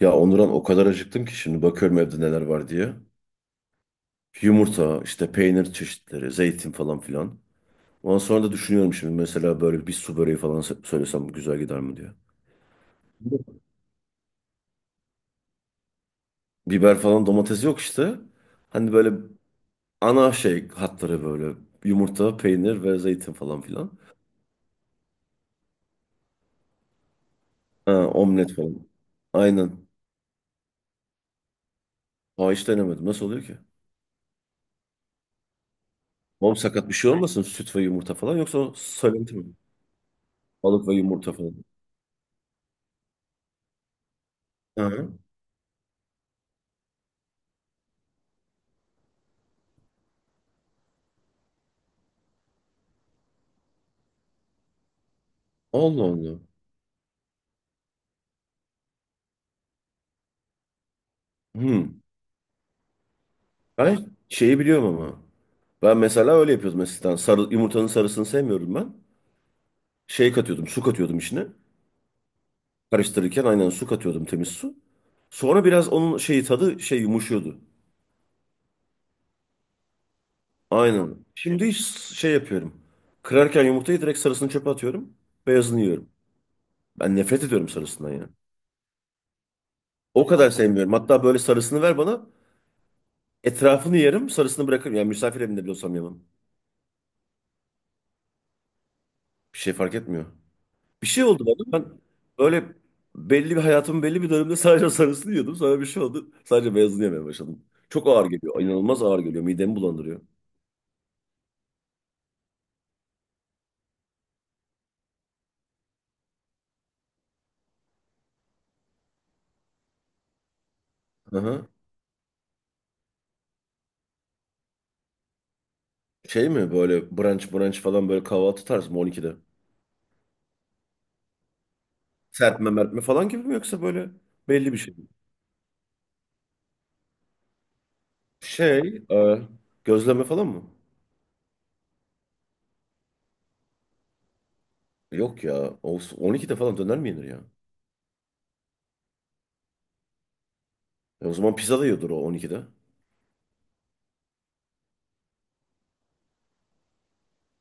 Ya Onuran o kadar acıktım ki şimdi bakıyorum evde neler var diye. Yumurta, işte peynir çeşitleri, zeytin falan filan. Ondan sonra da düşünüyorum şimdi mesela böyle bir su böreği falan söylesem güzel gider mi diye. Biber falan domates yok işte. Hani böyle ana şey hatları böyle yumurta, peynir ve zeytin falan filan. Ha, omlet falan. Aynen. Ha, hiç denemedim. Nasıl oluyor ki? Oğlum sakat bir şey olmasın, süt ve yumurta falan yoksa o söylenti mi? Balık ve yumurta falan. Hı. Allah Allah. Hmm. Ben şeyi biliyorum ama. Ben mesela öyle yapıyordum eskiden. Sarı, yumurtanın sarısını sevmiyorum ben. Şey katıyordum, su katıyordum içine. Karıştırırken aynen su katıyordum, temiz su. Sonra biraz onun şeyi tadı şey yumuşuyordu. Aynen. Şimdi hiç şey yapıyorum. Kırarken yumurtayı direkt sarısını çöpe atıyorum. Beyazını yiyorum. Ben nefret ediyorum sarısından ya. O kadar sevmiyorum. Hatta böyle sarısını ver bana. Etrafını yerim, sarısını bırakırım. Yani misafir evinde bile olsam yemem. Bir şey fark etmiyor. Bir şey oldu bana. Ben böyle belli bir hayatımın belli bir döneminde sadece sarısını yiyordum. Sonra bir şey oldu. Sadece beyazını yemeye başladım. Çok ağır geliyor. İnanılmaz ağır geliyor. Midemi bulandırıyor. Aha. Şey mi böyle brunch brunch falan böyle kahvaltı tarzı mı 12'de? Serpme mertme falan gibi mi, yoksa böyle belli bir şey mi? Şey gözleme falan mı? Yok ya. O, 12'de falan döner mi yenir ya? E o zaman pizza da yiyordur o 12'de.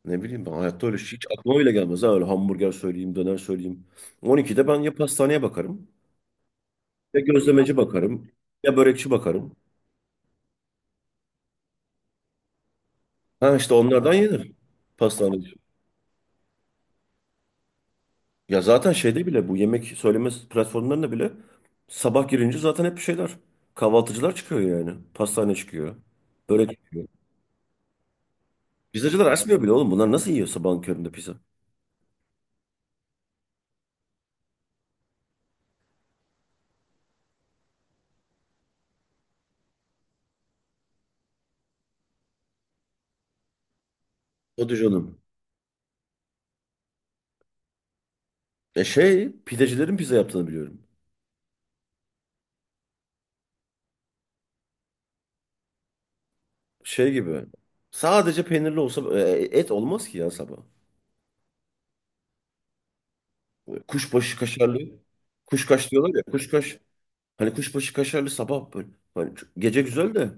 Ne bileyim, ben hayatta öyle şey hiç aklıma bile gelmez ha, öyle hamburger söyleyeyim, döner söyleyeyim. 12'de ben ya pastaneye bakarım, ya gözlemeci bakarım, ya börekçi bakarım. Ha, işte onlardan yenir. Pastaneci. Ya zaten şeyde bile, bu yemek söyleme platformlarında bile sabah girince zaten hep bir şeyler. Kahvaltıcılar çıkıyor yani. Pastane çıkıyor. Börek çıkıyor. Pizzacılar açmıyor bile oğlum. Bunlar nasıl yiyor sabahın köründe pizza? Hadi canım. E şey, pidecilerin pizza yaptığını biliyorum. Şey gibi. Sadece peynirli olsa et olmaz ki ya sabah. Kuşbaşı kaşarlı. Kuşkaş diyorlar ya. Kuşkaş. Hani kuşbaşı kaşarlı sabah böyle. Hani çok- gece güzel de,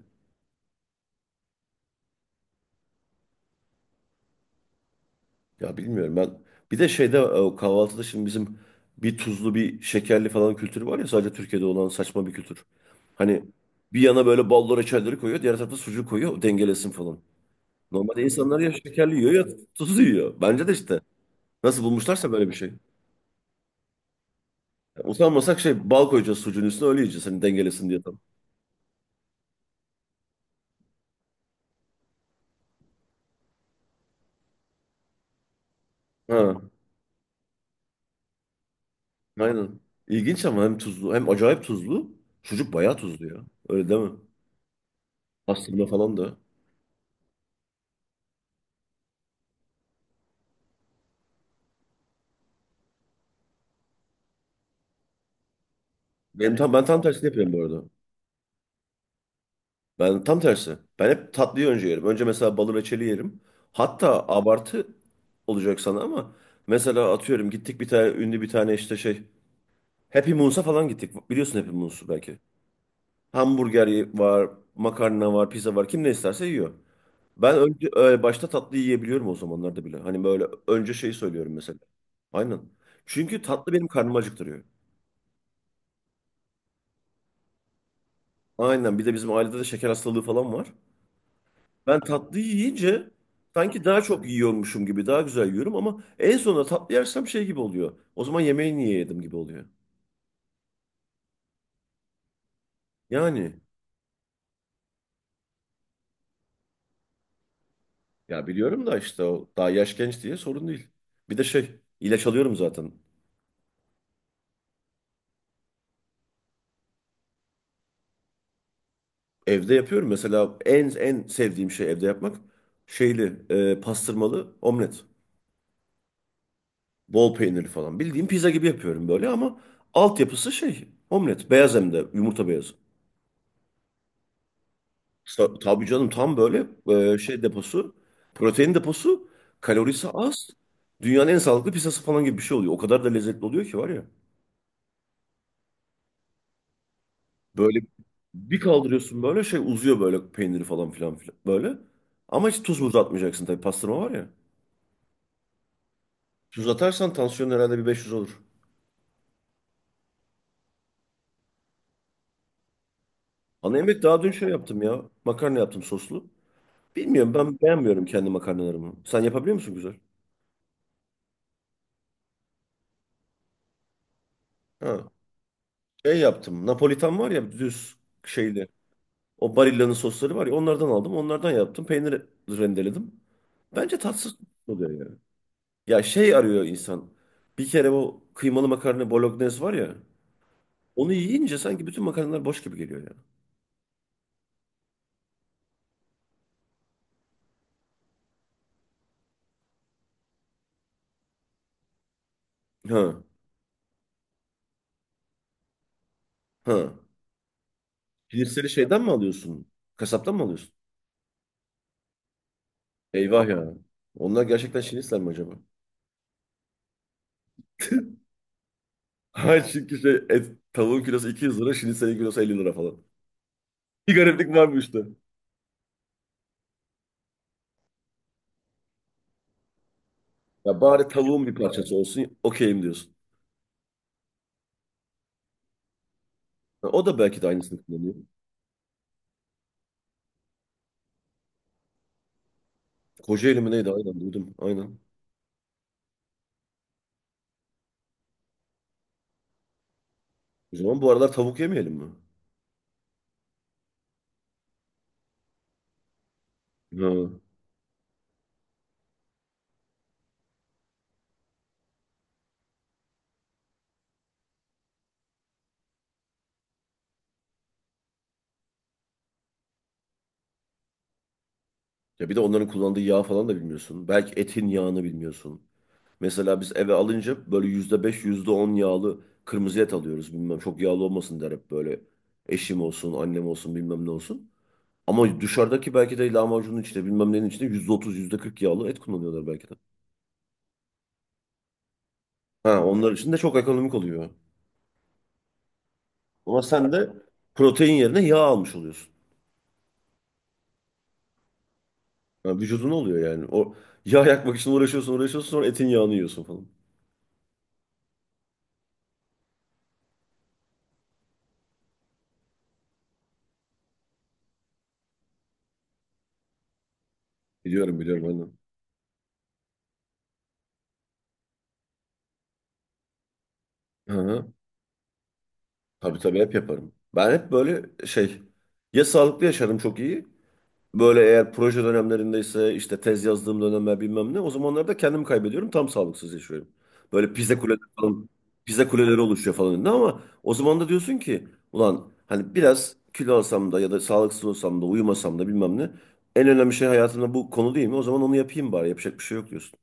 ya bilmiyorum ben. Bir de şeyde o kahvaltıda şimdi bizim bir tuzlu bir şekerli falan kültürü var ya, sadece Türkiye'de olan saçma bir kültür. Hani bir yana böyle ballı reçelleri koyuyor, diğer tarafa sucuk koyuyor, o dengelesin falan. Normalde insanlar ya şekerli yiyor ya tuzlu yiyor. Bence de işte nasıl bulmuşlarsa böyle bir şey. Yani utanmasak şey, bal koyacağız sucuğun üstüne öyle yiyeceğiz hani dengelesin diye tam. Ha, aynen. İlginç ama hem tuzlu hem acayip tuzlu. Sucuk bayağı tuzlu ya. Öyle değil mi? Pastırma falan da. Ben tam tersini yapıyorum bu arada. Ben tam tersi. Ben hep tatlıyı önce yerim. Önce mesela balı reçeli yerim. Hatta abartı olacak sana ama mesela atıyorum, gittik bir tane ünlü, bir tane işte şey, Happy Moons'a falan gittik. Biliyorsun Happy Moons'u belki. Hamburger var, makarna var, pizza var. Kim ne isterse yiyor. Ben önce başta tatlı yiyebiliyorum o zamanlarda bile. Hani böyle önce şey söylüyorum mesela. Aynen. Çünkü tatlı benim karnımı acıktırıyor. Aynen. Bir de bizim ailede de şeker hastalığı falan var. Ben tatlıyı yiyince sanki daha çok yiyormuşum gibi daha güzel yiyorum ama en sonunda tatlı yersem şey gibi oluyor. O zaman yemeği niye yedim gibi oluyor. Yani, ya biliyorum da işte o daha yaş genç diye sorun değil. Bir de şey, ilaç alıyorum zaten. Evde yapıyorum mesela, en sevdiğim şey evde yapmak şeyli pastırmalı omlet. Bol peynirli falan. Bildiğim pizza gibi yapıyorum böyle ama altyapısı şey, omlet. Beyaz, hem de yumurta beyazı. Tabii canım, tam böyle şey deposu, protein deposu, kalorisi az, dünyanın en sağlıklı pizzası falan gibi bir şey oluyor. O kadar da lezzetli oluyor ki var ya. Böyle bir kaldırıyorsun böyle şey uzuyor böyle peyniri falan filan filan böyle. Ama hiç tuz muz atmayacaksın tabii, pastırma var ya. Tuz atarsan tansiyon herhalde bir 500 olur. Ana yemek daha dün şey yaptım ya. Makarna yaptım soslu. Bilmiyorum, ben beğenmiyorum kendi makarnalarımı. Sen yapabiliyor musun güzel? Ha. Şey yaptım. Napolitan var ya, düz şeyli. O Barilla'nın sosları var ya, onlardan aldım. Onlardan yaptım. Peynir rendeledim. Bence tatsız oluyor yani. Ya şey arıyor insan. Bir kere o kıymalı makarna bolognese var ya. Onu yiyince sanki bütün makarnalar boş gibi geliyor ya. Ha ha. Şinitseli şeyden mi alıyorsun? Kasaptan mı alıyorsun? Eyvah ya. Onlar gerçekten şinitsel mi acaba? Hayır, çünkü şey et, tavuğun kilosu 200 lira, şinitselin kilosu 50 lira falan. Bir gariplik var bu işte. Ya bari tavuğun bir parçası olsun, okeyim diyorsun. Ha, o da belki de aynısını kullanıyor. Kocaeli mi neydi? Aynen duydum. Aynen. O zaman bu aralar tavuk yemeyelim mi? Ha. Ya bir de onların kullandığı yağ falan da bilmiyorsun. Belki etin yağını bilmiyorsun. Mesela biz eve alınca böyle %5, yüzde on yağlı kırmızı et alıyoruz. Bilmem, çok yağlı olmasın der hep böyle. Eşim olsun, annem olsun, bilmem ne olsun. Ama dışarıdaki belki de lahmacunun içinde bilmem nenin içinde %30, yüzde kırk yağlı et kullanıyorlar belki de. Ha, onlar için de çok ekonomik oluyor. Ama sen de protein yerine yağ almış oluyorsun. Ya vücuduna oluyor yani. O yağ yakmak için uğraşıyorsun uğraşıyorsun sonra etin yağını yiyorsun falan. Biliyorum biliyorum ben de. Hı hı. Tabii tabii hep yaparım. Ben hep böyle şey, ya sağlıklı yaşarım çok iyi. Böyle eğer proje dönemlerindeyse işte, tez yazdığım dönemler bilmem ne, o zamanlarda kendimi kaybediyorum, tam sağlıksız yaşıyorum. Böyle pizza kuleleri falan, pizza kuleleri oluşuyor falan önünde ama o zaman da diyorsun ki ulan hani biraz kilo alsam da ya da sağlıksız olsam da uyumasam da bilmem ne, en önemli şey hayatımda bu konu değil mi? O zaman onu yapayım bari, yapacak bir şey yok diyorsun.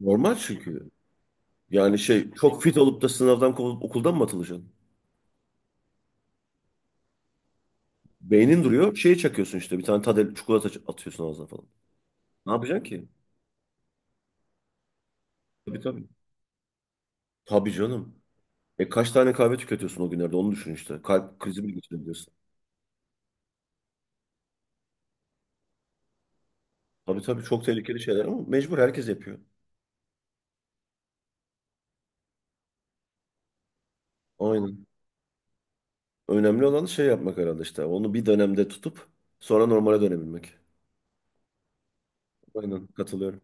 Normal çünkü. Yani şey, çok fit olup da sınavdan kovulup okuldan mı atılacaksın? Beynin duruyor. Şeye çakıyorsun işte, bir tane tadel çikolata atıyorsun ağzına falan. Ne yapacaksın ki? Tabii tabii. Tabii canım. E kaç tane kahve tüketiyorsun o günlerde, onu düşün işte. Kalp krizi bile geçirebiliyorsun. Tabii tabii, çok tehlikeli şeyler ama mecbur herkes yapıyor. Aynen. Önemli olan şey yapmak herhalde işte. Onu bir dönemde tutup sonra normale dönebilmek. Aynen katılıyorum.